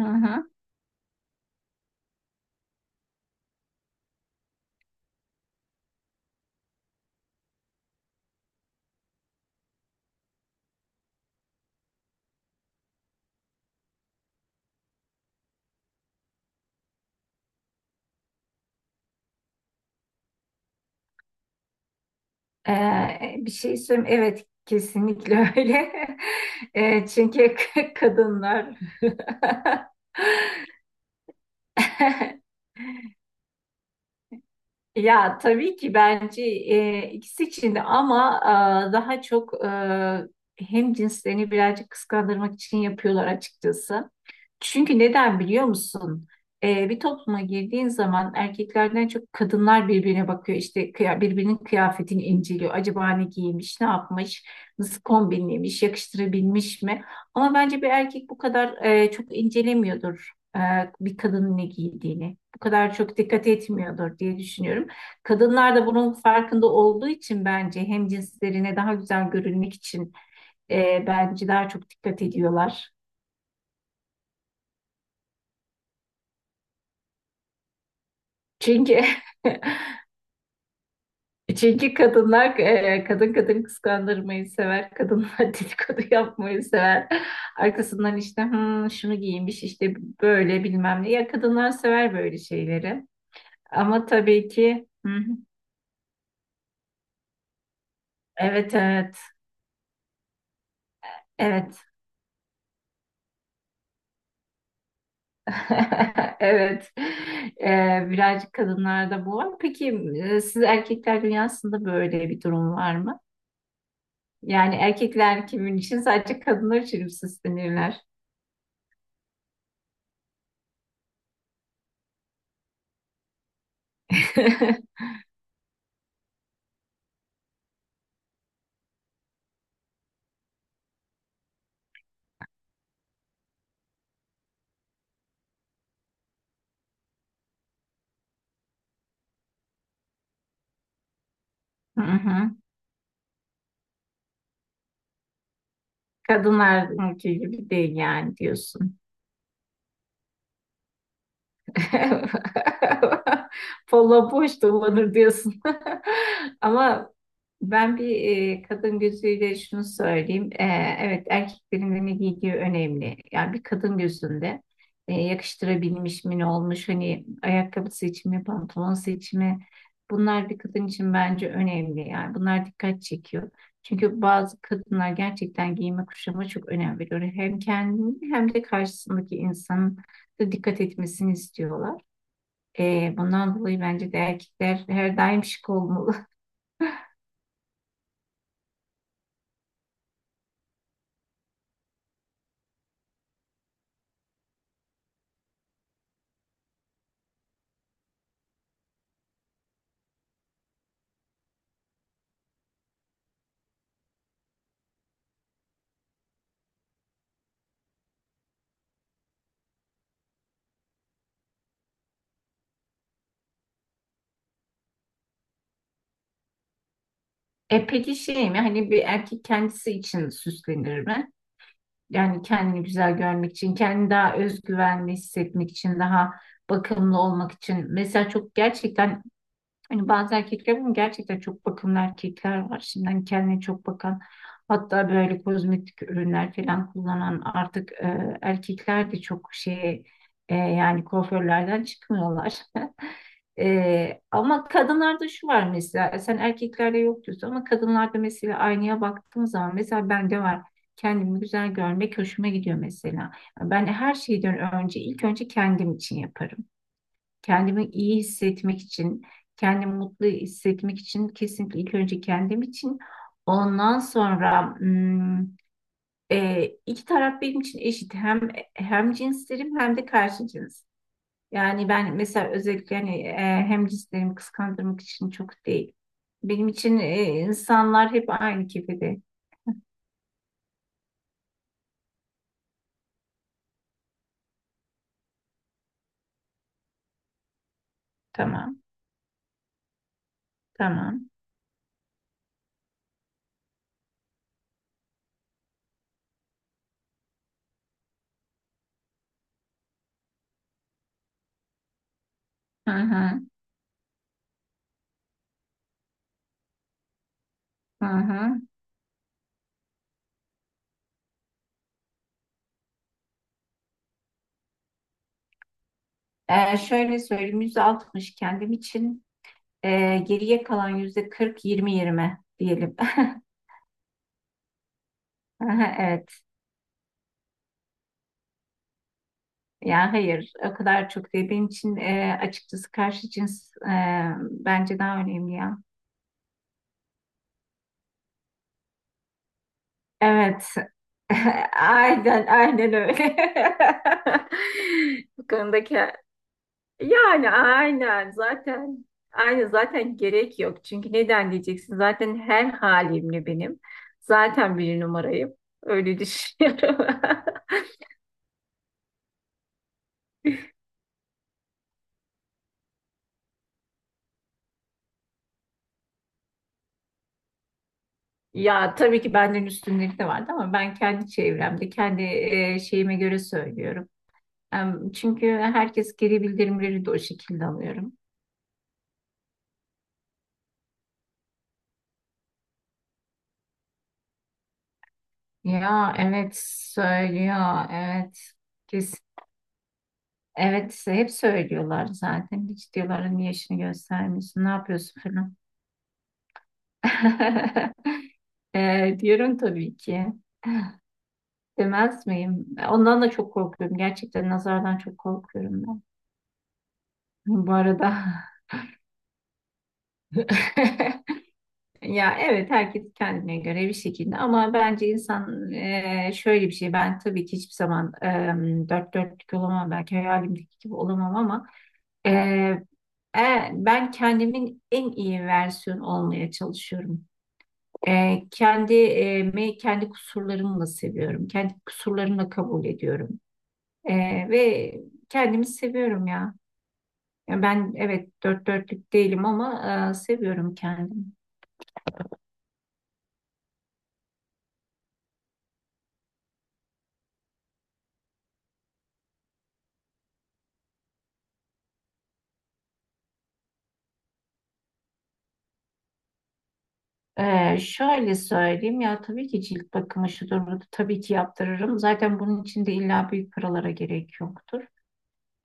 Hı hı. Bir şey söyleyeyim. Evet, kesinlikle öyle. Çünkü kadınlar. Ya tabii ki bence, ikisi için de ama, daha çok, hem cinslerini birazcık kıskandırmak için yapıyorlar açıkçası. Çünkü neden biliyor musun? Bir topluma girdiğin zaman erkeklerden çok kadınlar birbirine bakıyor. İşte birbirinin kıyafetini inceliyor. Acaba ne giymiş, ne yapmış, nasıl kombinlemiş, yakıştırabilmiş mi? Ama bence bir erkek bu kadar çok incelemiyordur, e, bir kadının ne giydiğini. Bu kadar çok dikkat etmiyordur diye düşünüyorum. Kadınlar da bunun farkında olduğu için bence hem cinslerine daha güzel görünmek için, bence daha çok dikkat ediyorlar. Çünkü çünkü kadınlar, kadın kadın kıskandırmayı sever, kadınlar dedikodu yapmayı sever. Arkasından işte, "Hmm, şunu giymiş işte böyle bilmem ne." Ya kadınlar sever böyle şeyleri. Ama tabii ki, hı hı. Evet, evet, evet. Evet. Birazcık kadınlarda bu var. Peki, siz erkekler dünyasında böyle bir durum var mı? Yani erkekler kimin için, sadece kadınlar için mi süslenirler? Hı hı. Kadınlar erkeği gibi değil yani diyorsun. Polla boş dolanır diyorsun. Ama ben bir, kadın gözüyle şunu söyleyeyim. Evet, erkeklerin ne giydiği önemli. Yani bir kadın gözünde, yakıştırabilmiş mi, ne olmuş, hani ayakkabı seçimi, pantolon seçimi, bunlar bir kadın için bence önemli. Yani bunlar dikkat çekiyor. Çünkü bazı kadınlar gerçekten giyime kuşama çok önem veriyor. Hem kendini hem de karşısındaki insanın da dikkat etmesini istiyorlar. Bundan dolayı bence de erkekler her daim şık olmalı. Peki, şey mi, hani bir erkek kendisi için süslenir mi? Yani kendini güzel görmek için, kendini daha özgüvenli hissetmek için, daha bakımlı olmak için. Mesela çok gerçekten, hani bazı erkekler, ama gerçekten çok bakımlı erkekler var. Şimdi hani kendine çok bakan, hatta böyle kozmetik ürünler falan kullanan artık, erkekler de çok şey, yani kuaförlerden çıkmıyorlar. Ama kadınlarda şu var mesela, sen erkeklerde yok diyorsun ama kadınlarda mesela aynaya baktığım zaman, mesela bende var. Kendimi güzel görmek hoşuma gidiyor mesela. Ben her şeyden önce ilk önce kendim için yaparım. Kendimi iyi hissetmek için, kendimi mutlu hissetmek için, kesinlikle ilk önce kendim için. Ondan sonra iki taraf benim için eşit. Hem hem cinslerim hem de karşı cins. Yani ben mesela özellikle hani, hem cinslerimi kıskandırmak için çok değil. Benim için, insanlar hep aynı kefede. Tamam, tamam. Hı hı, hı hı. Şöyle söyleyeyim, 160 kendim için. Geriye kalan %40, 20 20 diyelim. Evet. Yani hayır, o kadar çok değil. Benim için, açıkçası karşı cins, bence daha önemli ya. Evet. Aynen, aynen öyle. Bu konudaki, yani aynen zaten, aynı zaten gerek yok. Çünkü neden diyeceksin? Zaten her halimle benim. Zaten bir numarayım. Öyle düşünüyorum. Ya tabii ki benden üstünlük de vardı ama ben kendi çevremde, kendi, şeyime göre söylüyorum. Çünkü herkes, geri bildirimleri de o şekilde alıyorum. Ya evet söylüyor, evet. Kesin. Evet, hep söylüyorlar zaten. Hiç diyorlar, niye işini göstermiyorsun, ne yapıyorsun falan. Diyorum tabii ki. Demez miyim? Ondan da çok korkuyorum. Gerçekten nazardan çok korkuyorum ben. Bu arada. Ya evet, herkes kendine göre bir şekilde, ama bence insan, şöyle bir şey, ben tabii ki hiçbir zaman, dört dörtlük olamam, belki hayalimdeki gibi olamam ama, e, ben kendimin en iyi versiyonu olmaya çalışıyorum. Kendi, kendi kusurlarımla seviyorum. Kendi kusurlarımla kabul ediyorum. E, Ve kendimi seviyorum ya. Ya ben, evet dört dörtlük değilim ama, seviyorum kendimi. Şöyle söyleyeyim, ya tabii ki cilt bakımı şudur budur, tabii ki yaptırırım. Zaten bunun için de illa büyük paralara gerek yoktur.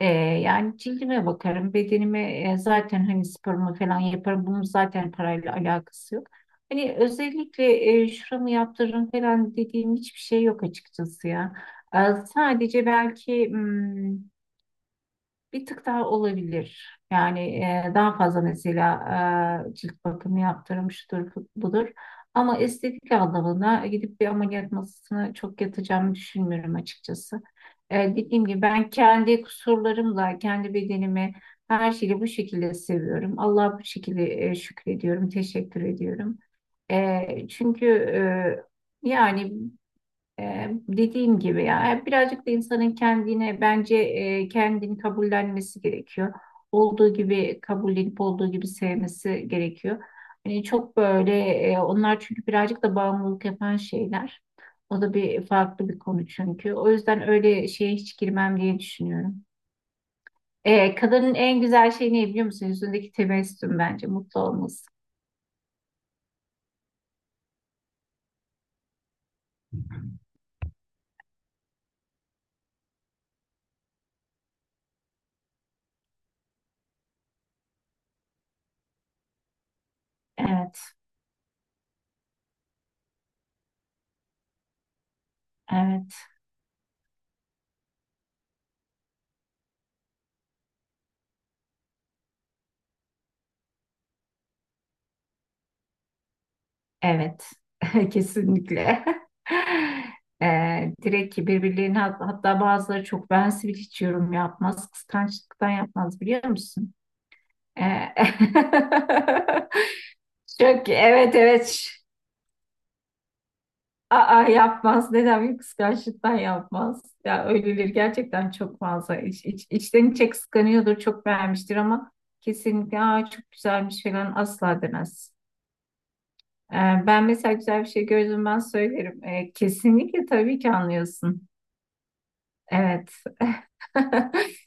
Yani cildime bakarım, bedenime, zaten hani sporumu falan yaparım. Bunun zaten parayla alakası yok. Hani özellikle, şuramı yaptırırım falan dediğim hiçbir şey yok açıkçası ya. Ee, Sadece belki, bir tık daha olabilir. Yani, daha fazla mesela, cilt bakımı yaptırmıştır budur. Ama estetik anlamına gidip bir ameliyat masasına çok yatacağımı düşünmüyorum açıkçası. Dediğim gibi, ben kendi kusurlarımla, kendi bedenimi, her şeyi bu şekilde seviyorum. Allah'a bu şekilde, şükrediyorum, teşekkür ediyorum. Çünkü, yani, dediğim gibi ya, birazcık da insanın kendine bence, kendini kabullenmesi gerekiyor. Olduğu gibi kabullenip olduğu gibi sevmesi gerekiyor. Hani çok böyle, onlar çünkü birazcık da bağımlılık yapan şeyler. O da bir farklı bir konu çünkü. O yüzden öyle şeye hiç girmem diye düşünüyorum. Kadının en güzel şeyi ne biliyor musun? Yüzündeki tebessüm, bence mutlu olması. Evet, evet. Evet, kesinlikle. Direkt ki birbirlerine, hatta bazıları çok, ben sivil hiç yorum yapmaz, kıskançlıktan yapmaz, biliyor musun? Ee, çok, evet, evet. Yapmaz, neden? Bir kıskançlıktan yapmaz ya, öyleleri gerçekten çok fazla içten içe kıskanıyordur, çok beğenmiştir ama kesinlikle, çok güzelmiş falan asla demez. Ben mesela güzel bir şey gördüm, ben söylerim. Kesinlikle, tabii ki anlıyorsun. Evet.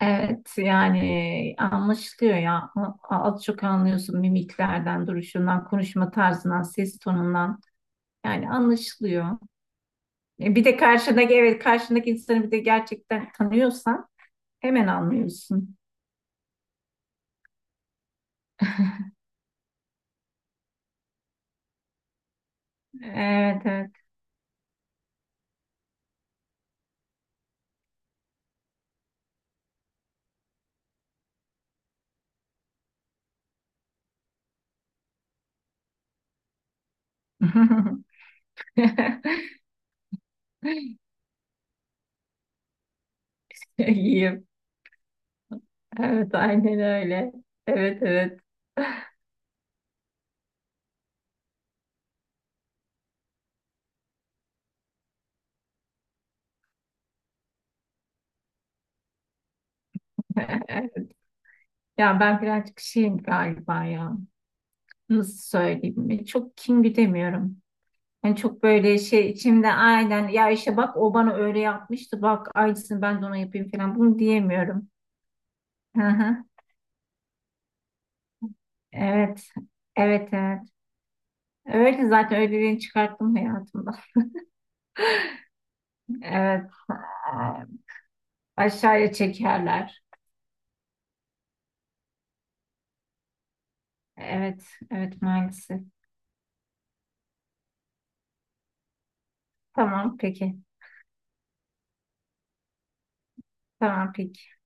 Evet, yani anlaşılıyor ya. Az çok anlıyorsun mimiklerden, duruşundan, konuşma tarzından, ses tonundan. Yani anlaşılıyor. Bir de karşındaki, evet, karşındaki insanı bir de gerçekten tanıyorsan hemen anlıyorsun. Evet, evet. İyiyim. Evet, aynen öyle. Evet, evet. Ya ben birazcık şeyim galiba ya. Nasıl söyleyeyim? Çok kin güdemiyorum. Yani çok böyle şey içimde, aynen ya, işte bak, o bana öyle yapmıştı. Bak aynısını ben de ona yapayım falan. Bunu diyemiyorum. Hı hı. Evet. Evet, evet. Öyle zaten, öyleliğini çıkarttım hayatımda. Evet. Aşağıya çekerler. Evet. Evet, maalesef. Tamam, peki. Tamam, peki.